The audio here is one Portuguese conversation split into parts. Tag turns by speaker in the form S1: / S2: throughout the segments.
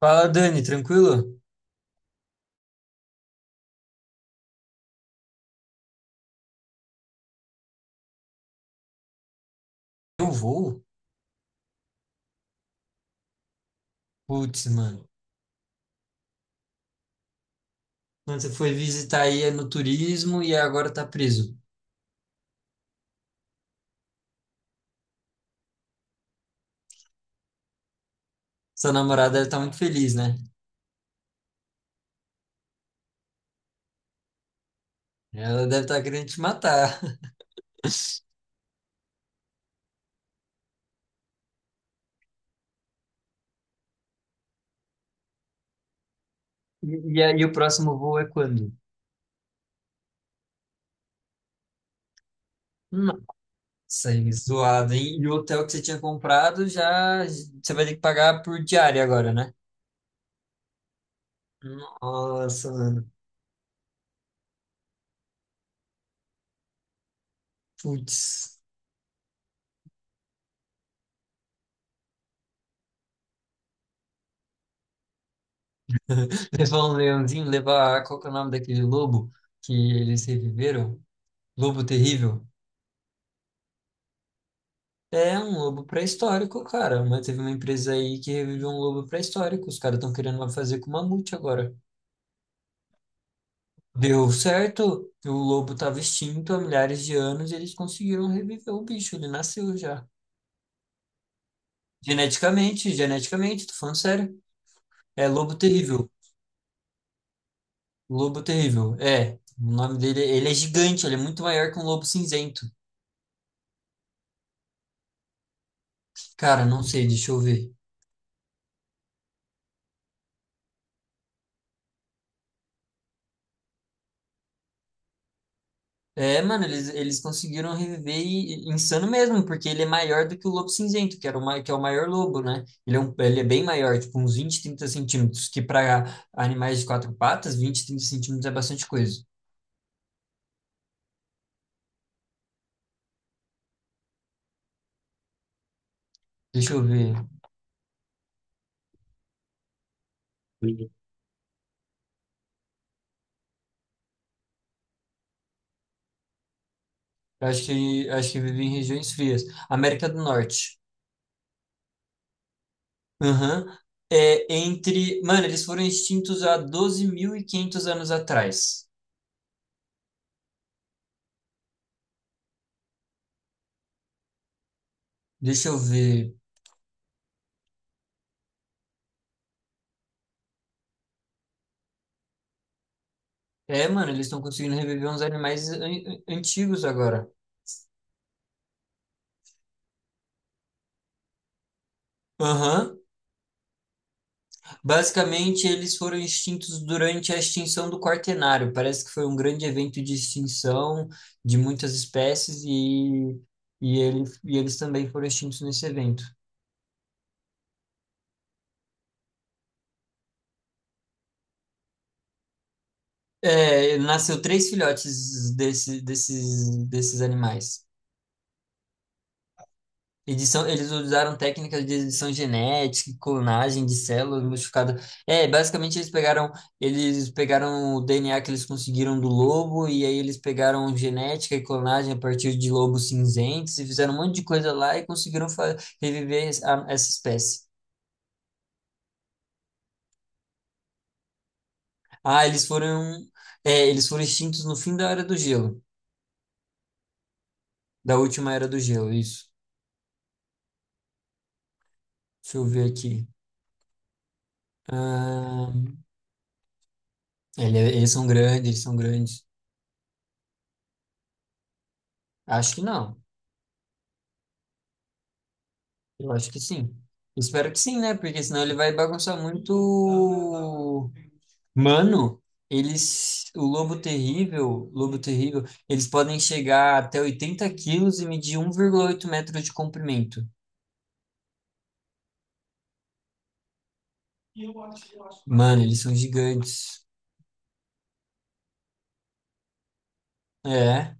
S1: Fala, Dani, tranquilo? Eu vou? Putz, mano. Quando você foi visitar aí é no turismo e agora tá preso. Sua namorada deve estar muito feliz, né? Ela deve estar querendo te matar. E aí, o próximo voo é quando? Nossa, aí zoado, hein? E o hotel que você tinha comprado, já você vai ter que pagar por diária agora, né? Nossa, mano. Putz. Levar um leãozinho, levar. Qual que é o nome daquele lobo que eles reviveram? Lobo terrível? É um lobo pré-histórico, cara. Mas teve uma empresa aí que reviveu um lobo pré-histórico. Os caras estão querendo fazer com mamute agora. Deu certo, o lobo estava extinto há milhares de anos e eles conseguiram reviver o bicho. Ele nasceu já. Geneticamente, geneticamente, tô falando sério. É lobo terrível. Lobo terrível. É. O nome dele, ele é gigante, ele é muito maior que um lobo cinzento. Cara, não sei, deixa eu ver. É, mano, eles conseguiram reviver insano mesmo, porque ele é maior do que o lobo cinzento, que era o, que é o maior lobo, né? Ele é, um, ele é bem maior, tipo uns 20, 30 centímetros, que para animais de quatro patas, 20, 30 centímetros é bastante coisa. Deixa eu ver. Eu acho que vive em regiões frias. América do Norte. Aham. É, entre. Mano, eles foram extintos há 12.500 anos atrás. Deixa eu ver. É, mano, eles estão conseguindo reviver uns animais antigos agora. Aham. Basicamente, eles foram extintos durante a extinção do Quaternário. Parece que foi um grande evento de extinção de muitas espécies e, ele, e eles também foram extintos nesse evento. É, nasceu três filhotes desses animais. Edição, eles usaram técnicas de edição genética, clonagem de células modificadas. É, basicamente eles pegaram o DNA que eles conseguiram do lobo e aí eles pegaram genética e clonagem a partir de lobos cinzentos e fizeram um monte de coisa lá e conseguiram reviver essa espécie. Ah, eles foram, é, eles foram extintos no fim da era do gelo, da última era do gelo, isso. Deixa eu ver aqui. Ah, é, eles são grandes, eles são grandes. Acho que não. Eu acho que sim. Espero que sim, né? Porque senão ele vai bagunçar muito. Mano, eles. O lobo terrível, eles podem chegar até 80 quilos e medir 1,8 metros de comprimento. Mano, eles são gigantes. É.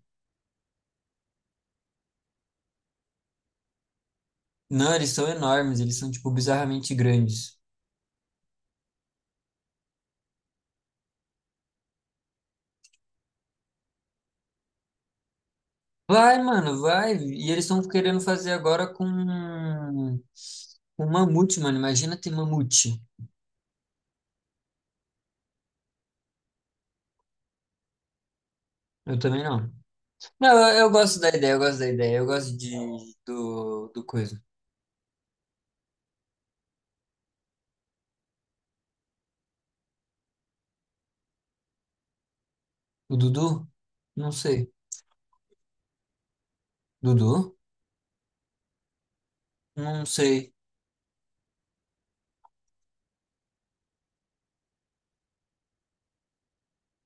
S1: Não, eles são enormes, eles são, tipo, bizarramente grandes. Vai, mano, vai. E eles estão querendo fazer agora com. Com mamute, mano. Imagina ter mamute. Eu também não. Não, eu gosto da ideia, eu gosto da ideia. Eu gosto de, do coisa. O Dudu? Não sei. Dudu? Não sei.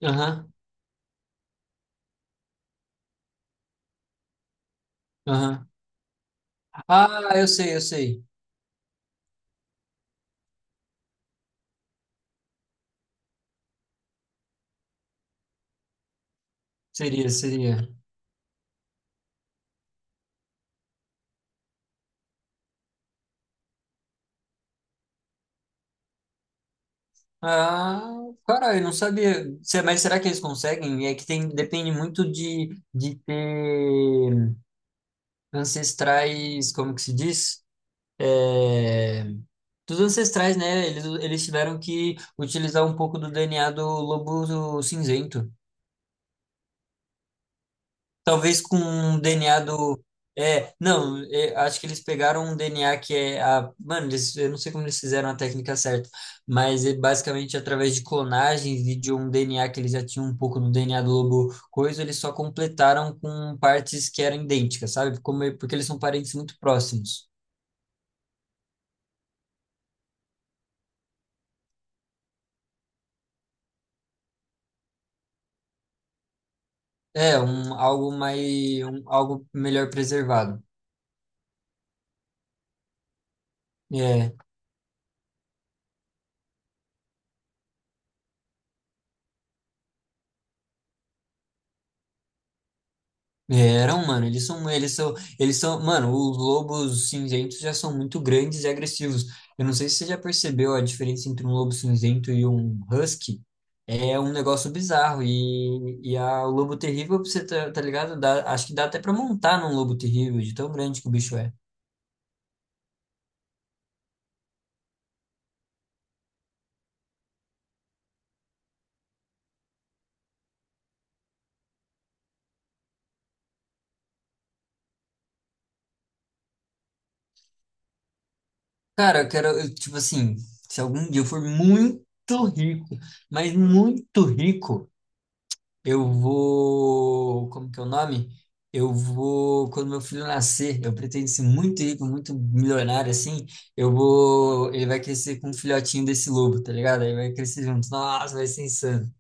S1: Aham, aham. Ah, eu sei, eu sei. Seria, seria. Ah, caralho, não sabia. É, mas será que eles conseguem? É que tem, depende muito de ter ancestrais, como que se diz? É... Dos ancestrais, né? Eles tiveram que utilizar um pouco do DNA do lobo cinzento. Talvez com um DNA do. É, não, é, acho que eles pegaram um DNA que é a. Mano, eles, eu não sei como eles fizeram a técnica certa, mas é basicamente através de clonagem e de um DNA que eles já tinham um pouco no DNA do lobo coisa, eles só completaram com partes que eram idênticas, sabe? Como, porque eles são parentes muito próximos. É, um, algo mais. Um, algo melhor preservado. É. Eram, mano, eles são, mano, os lobos cinzentos já são muito grandes e agressivos. Eu não sei se você já percebeu a diferença entre um lobo cinzento e um husky. É um negócio bizarro. E a, o lobo terrível, pra você tá ligado? Acho que dá até pra montar num lobo terrível, de tão grande que o bicho é. Cara, eu quero, eu, tipo assim, se algum dia eu for muito rico, mas muito rico. Eu vou. Como que é o nome? Eu vou. Quando meu filho nascer, eu pretendo ser muito rico, muito milionário, assim. Eu vou. Ele vai crescer com um filhotinho desse lobo, tá ligado? Aí vai crescer junto. Nossa, vai ser insano.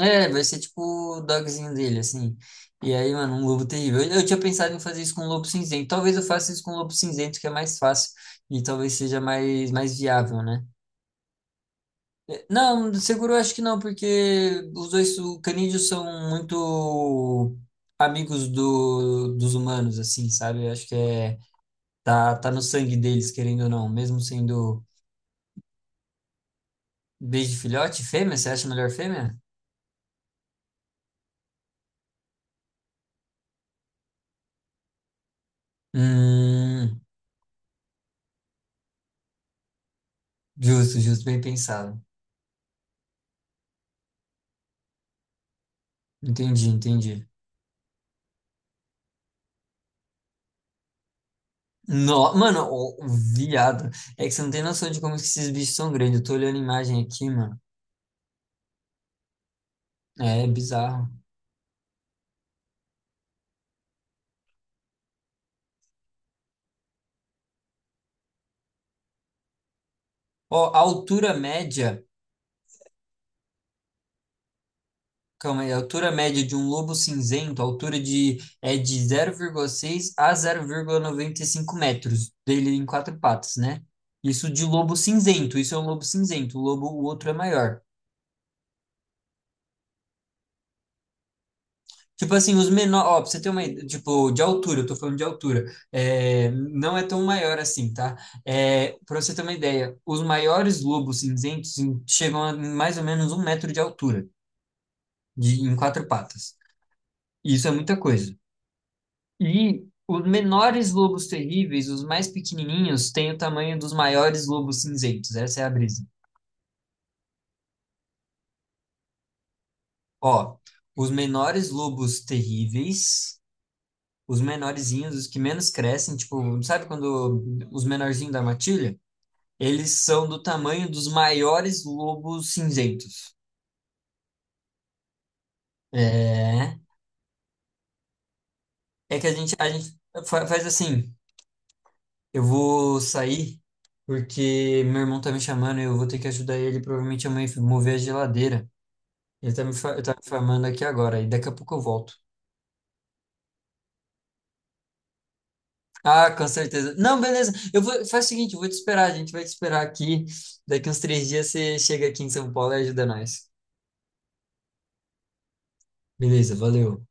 S1: É, vai ser tipo o dogzinho dele, assim. E aí, mano, um lobo terrível. Eu tinha pensado em fazer isso com um lobo cinzento. Talvez eu faça isso com um lobo cinzento, que é mais fácil. E talvez seja mais, mais viável, né? Não, seguro eu acho que não, porque os dois o canídeos são muito amigos do, dos humanos, assim, sabe? Eu acho que é, tá no sangue deles, querendo ou não, mesmo sendo desde filhote, fêmea, você acha melhor fêmea? Hum, justo, justo, bem pensado. Entendi, entendi. No, mano, o viado, é que você não tem noção de como que esses bichos são grandes. Eu tô olhando a imagem aqui, mano. É bizarro. Ó, a altura média. Calma aí, a altura média de um lobo cinzento, a altura de, é de 0,6 a 0,95 metros, dele em quatro patas, né? Isso de lobo cinzento, isso é um lobo cinzento, o lobo, o outro é maior. Tipo assim, os menores, ó, pra você ter uma ideia, tipo, de altura, eu tô falando de altura, é, não é tão maior assim, tá? É, pra você ter uma ideia, os maiores lobos cinzentos chegam a mais ou menos 1 metro de altura, de, em quatro patas. E isso é muita coisa. E os menores lobos terríveis, os mais pequenininhos, têm o tamanho dos maiores lobos cinzentos. Essa é a brisa. Ó, os menores lobos terríveis, os menorzinhos, os que menos crescem, tipo, sabe quando os menorzinhos da matilha? Eles são do tamanho dos maiores lobos cinzentos. É. É que a gente faz assim. Eu vou sair porque meu irmão tá me chamando e eu vou ter que ajudar ele provavelmente amanhã a mãe mover a geladeira. Ele tá me, ele tá me formando aqui agora, e daqui a pouco eu volto. Ah, com certeza. Não, beleza. Eu vou, faz o seguinte, eu vou te esperar, a gente vai te esperar aqui. Daqui uns 3 dias você chega aqui em São Paulo e ajuda nós. Beleza, valeu.